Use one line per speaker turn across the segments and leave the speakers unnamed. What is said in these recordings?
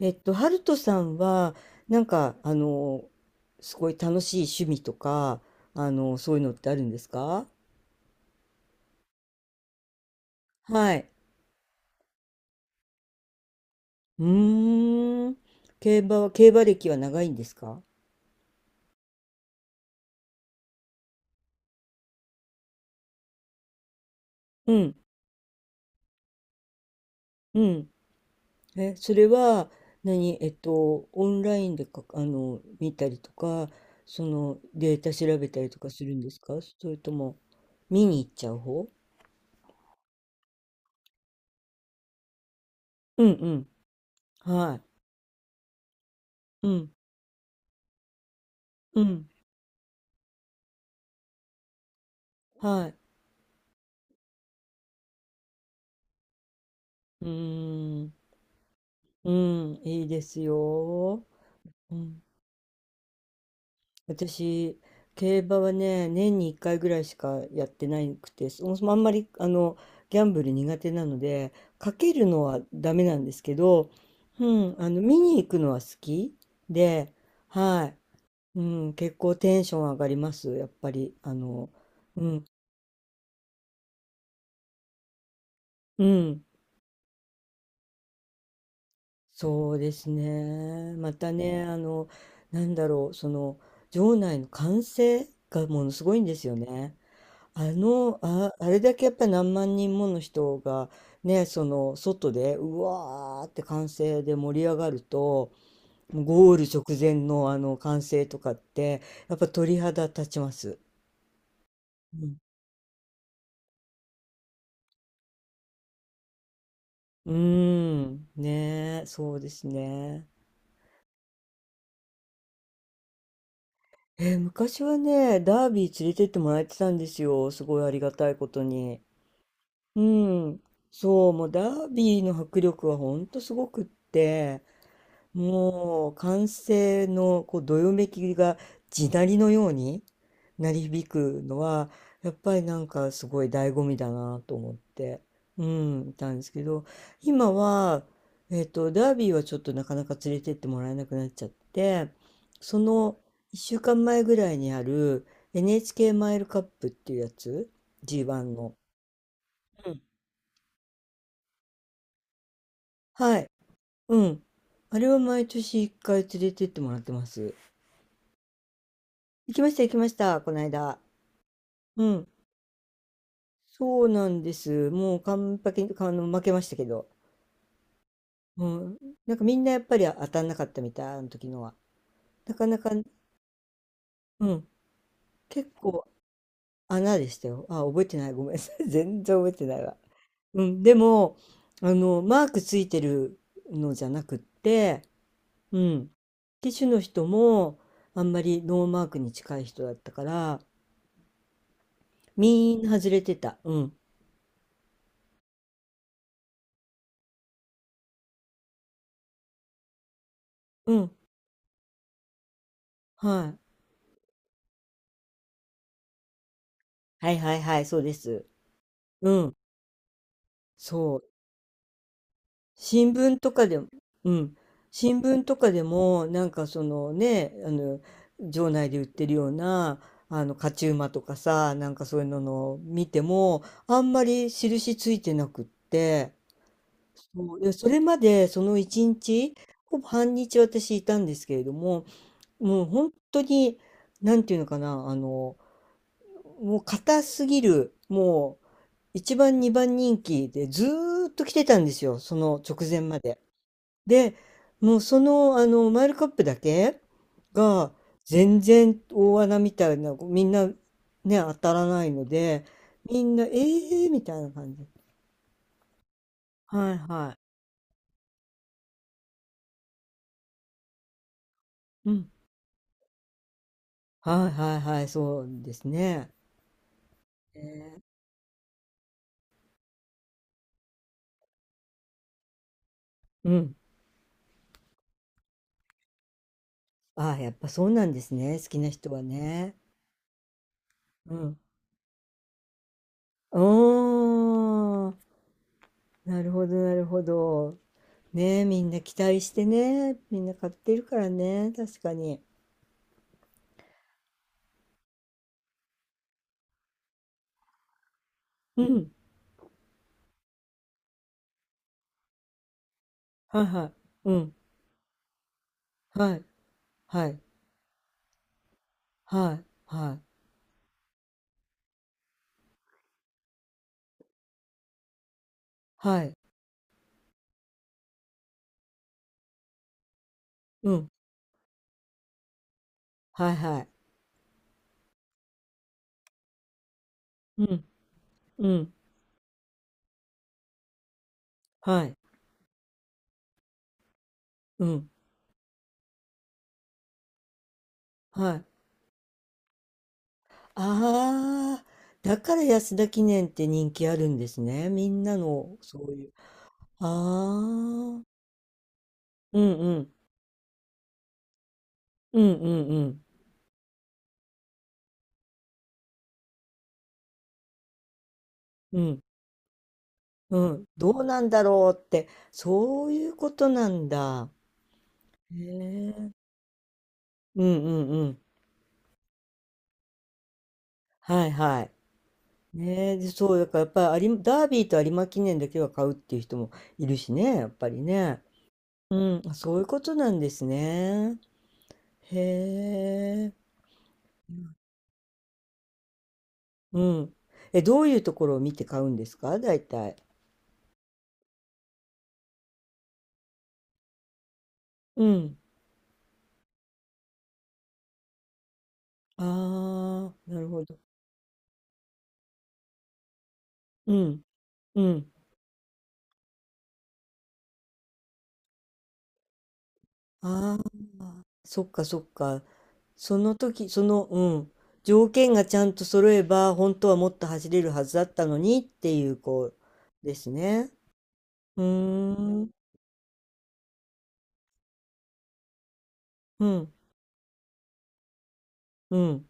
ハルトさんは、なんか、あの、すごい楽しい趣味とか、そういうのってあるんですか？はい。うーん。競馬歴は長いんですか？うん、うん。え、それは、何、オンラインでか、見たりとか、データ調べたりとかするんですか？それとも、見に行っちゃう方？うん、うん。はい。うん、うん。はい。うーん。うん、いいですよ。うん、私、競馬はね、年に1回ぐらいしかやってなくて、そもそもあんまり、ギャンブル苦手なので、かけるのはダメなんですけど、うん、見に行くのは好きで、はい、うん、結構テンション上がります、やっぱり、うん、うん、そうですね。またね、なんだろう、場内の歓声がものすごいんですよね。あれだけやっぱり何万人もの人がね、その外でうわーって歓声で盛り上がると、ゴール直前のあの歓声とかって、やっぱ鳥肌立ちます。うん、うーん、ねえ、そうですね。昔はね、ダービー連れてってもらえてたんですよ。すごいありがたいことに。うん、そう、もうダービーの迫力はほんとすごくって、もう歓声のこうどよめきが地鳴りのように鳴り響くのはやっぱりなんかすごい醍醐味だなと思って、うん、いたんですけど今は、ダービーはちょっとなかなか連れてってもらえなくなっちゃって、その1週間前ぐらいにある NHK マイルカップっていうやつ、 G1 の。うん。はい。うん。あれは毎年1回連れてってもらってます。行きました、行きました、この間。うん。そうなんです。もう完璧に、負けましたけど。うん。なんかみんなやっぱり当たんなかったみたい、あの時のは。なかなか、うん。結構穴でしたよ。あ、覚えてない。ごめんなさい。全然覚えてないわ。うん。でも、マークついてるのじゃなくって、うん。機種の人も、あんまりノーマークに近い人だったから、みんな外れてた。うん。うん。はい。はいはいはい、そうです。うん、そう。新聞とかでも、うん。新聞とかでも、なんかそのね、場内で売ってるような、勝ち馬とかさ、なんかそういうののを見ても、あんまり印ついてなくって、そう、でそれまでその一日、ほぼ半日私いたんですけれども、もう本当に、なんていうのかな、もう硬すぎる、もう、一番二番人気でずーっと来てたんですよ、その直前まで。で、もうマイルカップだけが全然大穴みたいな、みんなね、当たらないので、みんな、えーみたいな感じ。はいはい。うん。はいはいはい、そうですね。えーうん。ああ、やっぱそうなんですね、好きな人はね。うん。おー、なるほどなるほど。ねえ、みんな期待してね。みんな買ってるからね。確かに。うん。はいはい。うん。はい。はい。はい。はい。はい。うん。はいはい。うん。うん。はい。うん。はい。ああ、だから安田記念って人気あるんですね。みんなの、そういう。ああ。うんうん。うんうんうん。うん。うん。どうなんだろうって。そういうことなんだ。へえ。うんうんうん。はいはい。ねえ、でそう、だからやっぱり有馬、ダービーと有馬記念だけは買うっていう人もいるしね、やっぱりね。うん、そういうことなんですね。へえ。うん。え、どういうところを見て買うんですか、大体？うん。ああ、なるほど。うん。うん。ああ、そっかそっか。その時、うん。条件がちゃんと揃えば、本当はもっと走れるはずだったのにっていう、こう、ですね。うーん。うん、うん、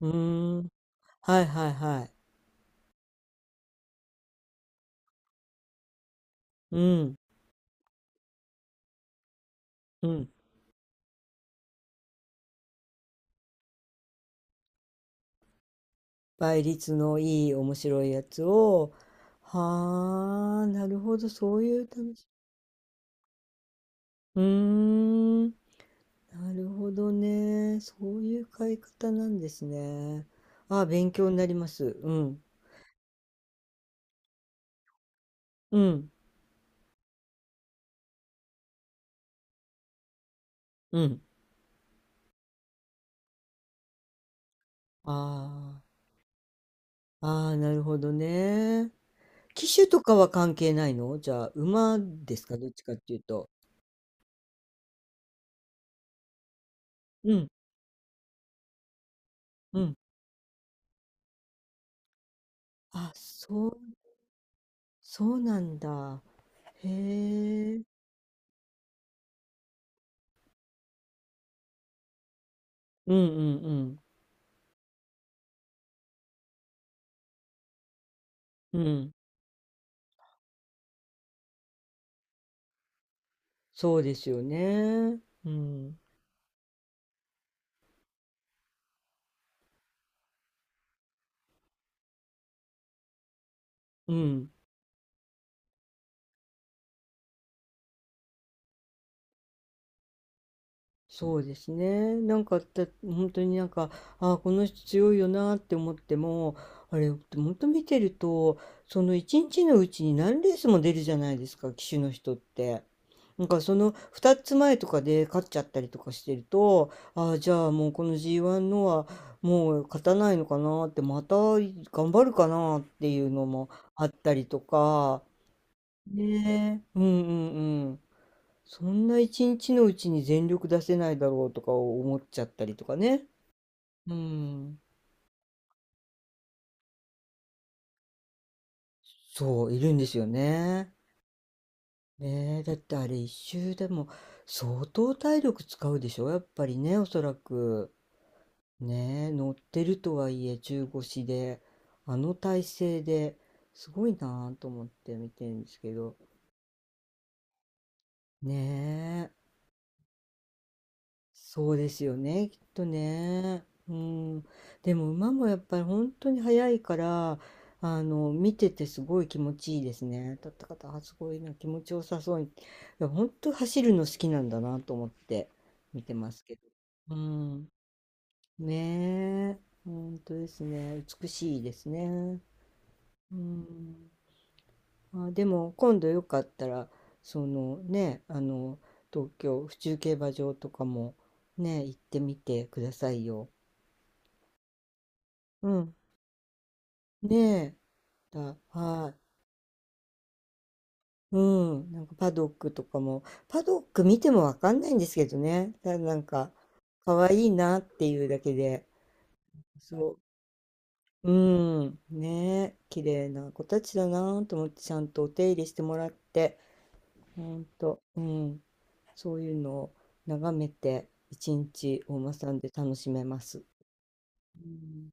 うーん。はいはいはい。うん、うん。倍率のいい面白いやつを。はあ、なるほど、そういう楽しみ。うーん、なるほどね。そういう買い方なんですね。あ、勉強になります。うん、うん、うん。ああ、ああ、なるほどね。機種とかは関係ないの？じゃあ、馬ですか、どっちかっていうと。うん、うん。あ、そうそうなんだ。へえ。うんうんうん。うん。そうですよね。うん。うん。そうですね。なんかだ本当になんか、ああ、この人強いよなって思っても、あれ、本当見てると、その一日のうちに何レースも出るじゃないですか、騎手の人って。なんかその2つ前とかで勝っちゃったりとかしてると、ああ、じゃあもうこの G1 のはもう勝たないのかなって、また頑張るかなっていうのもあったりとか、ねえ、うんうんうん。そんな一日のうちに全力出せないだろうとか思っちゃったりとかね。うん。そう、いるんですよね。ねえ、だってあれ一周でも相当体力使うでしょ、やっぱりね、おそらく。ねえ、乗ってるとはいえ中腰で、あの体勢ですごいなぁと思って見てるんですけど。ね、そうですよね、きっとね。うん。でも馬もやっぱり本当に速いから、見ててすごい気持ちいいですね。立った方、あすごいな、気持ちよさそうに。いや、本当走るの好きなんだなと思って見てますけど。うん。ねえ、本当ですね。美しいですね。うん。あ、でも今度よかったらそのねあの東京府中競馬場とかもね、行ってみてくださいよ。うん、ねえ。はい、うん、なんかパドック見てもわかんないんですけどね、ただなんか可愛いいなっていうだけで。そう、うん、ねえ、綺麗な子たちだなと思って、ちゃんとお手入れしてもらって。ほんと、うん。そういうのを眺めて、一日お馬さんで楽しめます。うん